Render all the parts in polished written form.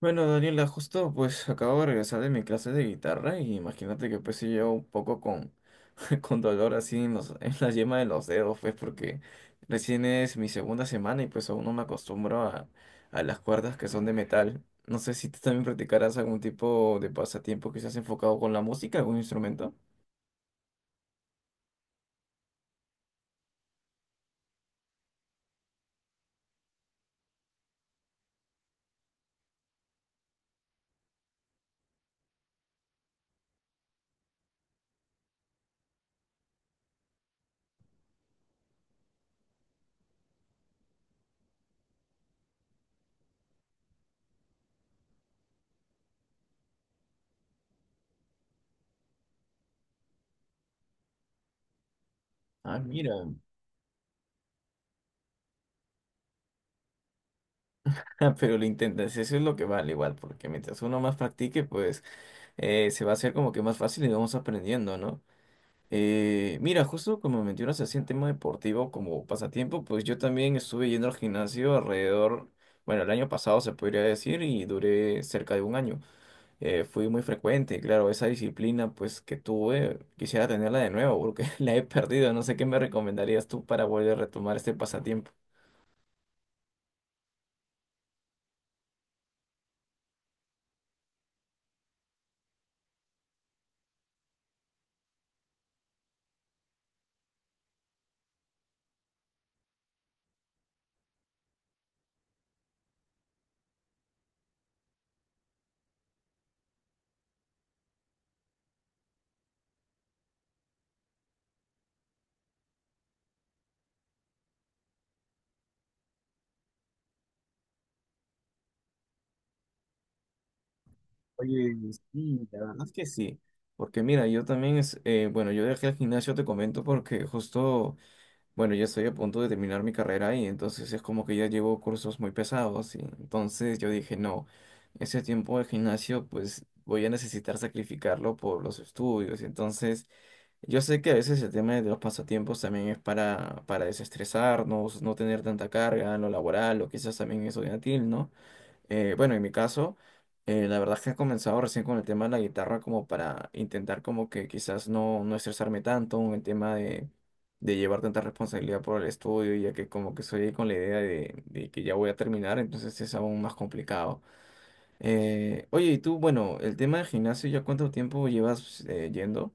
Bueno, Daniela, justo pues acabo de regresar de mi clase de guitarra y imagínate que pues sí llevo un poco con, con dolor así en los, en la yema de los dedos, pues porque recién es mi segunda semana y pues aún no me acostumbro a las cuerdas que son de metal. No sé si tú también practicarás algún tipo de pasatiempo que seas enfocado con la música, algún instrumento. Ah, mira. Ah, pero lo intentas, eso es lo que vale igual, porque mientras uno más practique, pues se va a hacer como que más fácil y vamos aprendiendo, ¿no? Mira, justo como mencionas así en tema deportivo como pasatiempo, pues yo también estuve yendo al gimnasio alrededor, bueno, el año pasado se podría decir y duré cerca de un año. Fui muy frecuente, claro, esa disciplina pues que tuve, quisiera tenerla de nuevo porque la he perdido. No sé qué me recomendarías tú para volver a retomar este pasatiempo. Oye, sí, la verdad. Es que sí, porque mira, yo también es, bueno, yo dejé el gimnasio, te comento, porque justo bueno, ya estoy a punto de terminar mi carrera y entonces es como que ya llevo cursos muy pesados y entonces yo dije, no, ese tiempo de gimnasio pues voy a necesitar sacrificarlo por los estudios. Entonces yo sé que a veces el tema de los pasatiempos también es para desestresarnos, no tener tanta carga en lo laboral o quizás también estudiantil, ¿no? Bueno, en mi caso, la verdad es que he comenzado recién con el tema de la guitarra como para intentar como que quizás no, no estresarme tanto en el tema de llevar tanta responsabilidad por el estudio, ya que como que soy ahí con la idea de que ya voy a terminar, entonces es aún más complicado. Oye, y tú, bueno, el tema del gimnasio, ¿ya cuánto tiempo llevas yendo?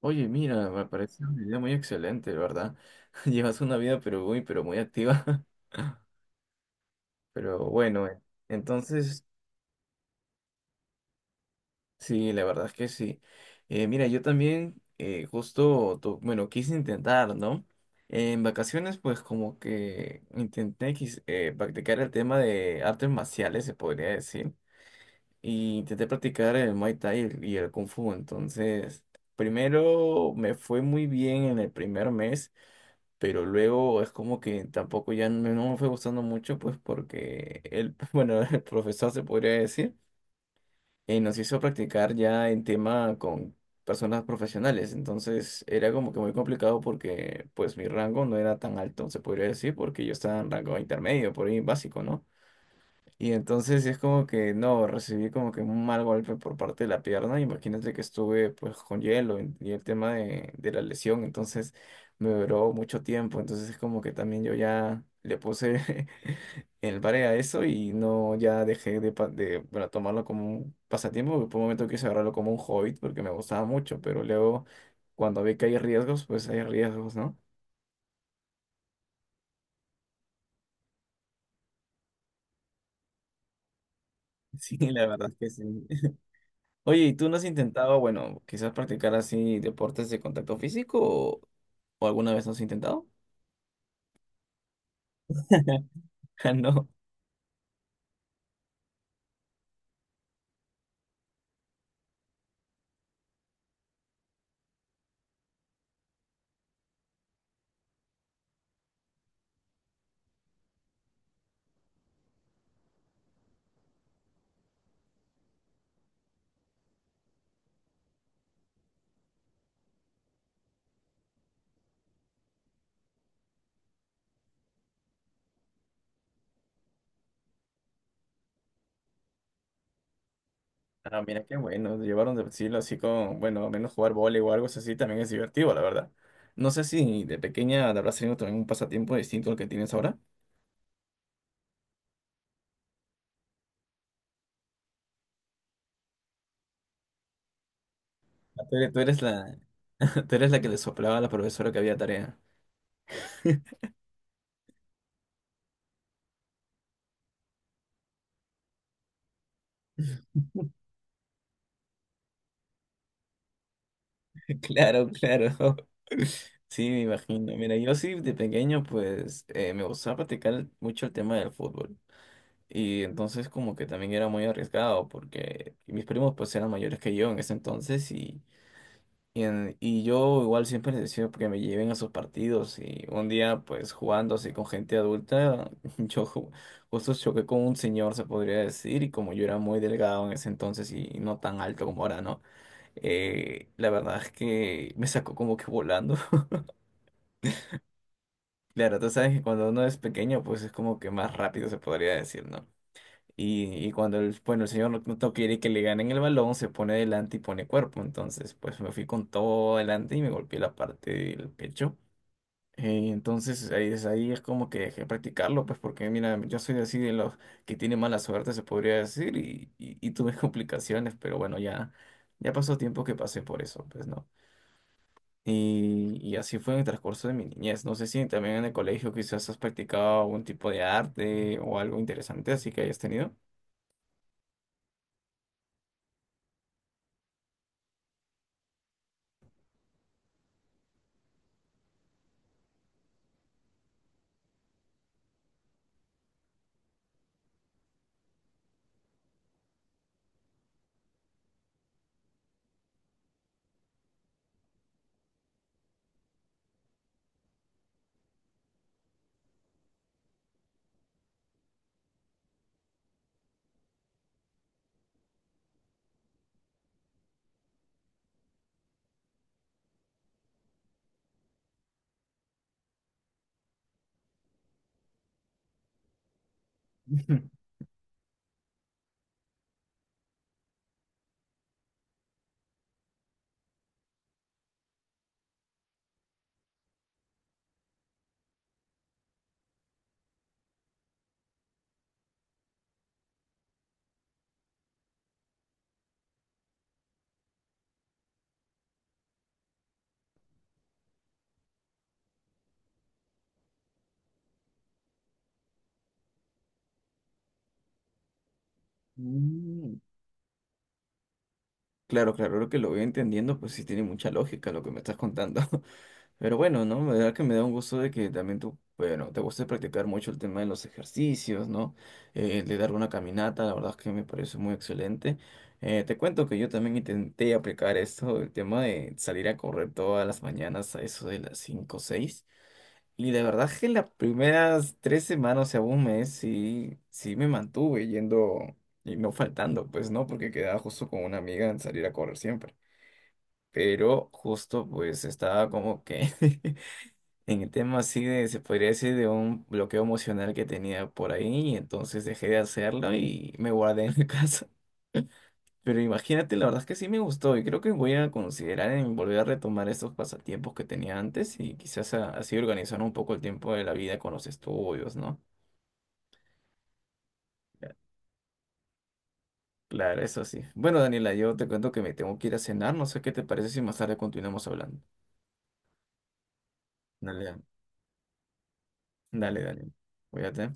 Oye, mira, me parece una idea muy excelente, ¿verdad? Llevas una vida pero muy activa. Pero bueno, entonces... Sí, la verdad es que sí. Mira, yo también justo, bueno, quise intentar, ¿no? En vacaciones, pues como que intenté practicar el tema de artes marciales, se podría decir. Y intenté practicar el Muay Thai y el Kung Fu. Entonces, primero me fue muy bien en el primer mes, pero luego es como que tampoco ya no, no me fue gustando mucho, pues porque el, bueno, el profesor se podría decir nos hizo practicar ya en tema con personas profesionales. Entonces era como que muy complicado porque pues mi rango no era tan alto, se podría decir, porque yo estaba en rango intermedio, por ahí básico, ¿no? Y entonces sí es como que no, recibí como que un mal golpe por parte de la pierna. Imagínate que estuve pues con hielo y el tema de la lesión, entonces me duró mucho tiempo. Entonces es como que también yo ya le puse el pare a eso y no ya dejé de, de bueno, tomarlo como un pasatiempo, porque por un momento quise agarrarlo como un hobby porque me gustaba mucho, pero luego cuando vi que hay riesgos, pues hay riesgos, ¿no? Sí, la verdad es que sí. Oye, ¿y tú no has intentado, bueno, quizás practicar así deportes de contacto físico o alguna vez no has intentado? Ah, no. Ah, mira qué bueno, llevaron de estilo así con, bueno, al menos jugar vóley o algo así también es divertido, la verdad. No sé si de pequeña te habrás tenido también un pasatiempo distinto al que tienes ahora. Ah, tú eres, tú eres la, tú eres la que le soplaba a la profesora que había tarea. Claro, claro. Sí, me imagino. Mira, yo sí de pequeño pues me gustaba practicar mucho el tema del fútbol. Y entonces como que también era muy arriesgado porque mis primos pues eran mayores que yo en ese entonces y, y yo igual siempre les decía que me lleven a sus partidos y un día pues jugando así con gente adulta yo ju- justo choqué con un señor se podría decir y como yo era muy delgado en ese entonces y no tan alto como ahora, ¿no? La verdad es que me sacó como que volando. Claro, tú sabes que cuando uno es pequeño pues es como que más rápido se podría decir, ¿no? Y cuando el, bueno, el señor no quiere que le ganen el balón, se pone adelante y pone cuerpo. Entonces, pues me fui con todo adelante y me golpeé la parte del pecho. Entonces ahí es como que dejé de practicarlo, pues porque mira, yo soy así de los que tiene mala suerte, se podría decir, y tuve complicaciones, pero bueno, ya, ya pasó tiempo que pasé por eso, pues no. Y así fue en el transcurso de mi niñez. No sé si también en el colegio quizás has practicado algún tipo de arte o algo interesante, así que hayas tenido. Mm, claro, claro, lo que lo voy entendiendo, pues sí tiene mucha lógica lo que me estás contando. Pero bueno, ¿no? La verdad que me da un gusto de que también tú, bueno, te guste practicar mucho el tema de los ejercicios, ¿no? De dar una caminata, la verdad es que me parece muy excelente. Te cuento que yo también intenté aplicar esto, el tema de salir a correr todas las mañanas a eso de las 5, o 6. Y de verdad que las primeras tres semanas, o sea, un mes, sí, sí me mantuve yendo y no faltando, pues, ¿no? Porque quedaba justo con una amiga en salir a correr siempre. Pero justo, pues, estaba como que en el tema así de, se podría decir, de un bloqueo emocional que tenía por ahí, y entonces dejé de hacerlo y me guardé en la casa. Pero imagínate, la verdad es que sí me gustó y creo que voy a considerar en volver a retomar estos pasatiempos que tenía antes y quizás así organizar un poco el tiempo de la vida con los estudios, ¿no? Claro, eso sí. Bueno, Daniela, yo te cuento que me tengo que ir a cenar, no sé qué te parece si más tarde continuamos hablando. Dale, dale, dale. Cuídate.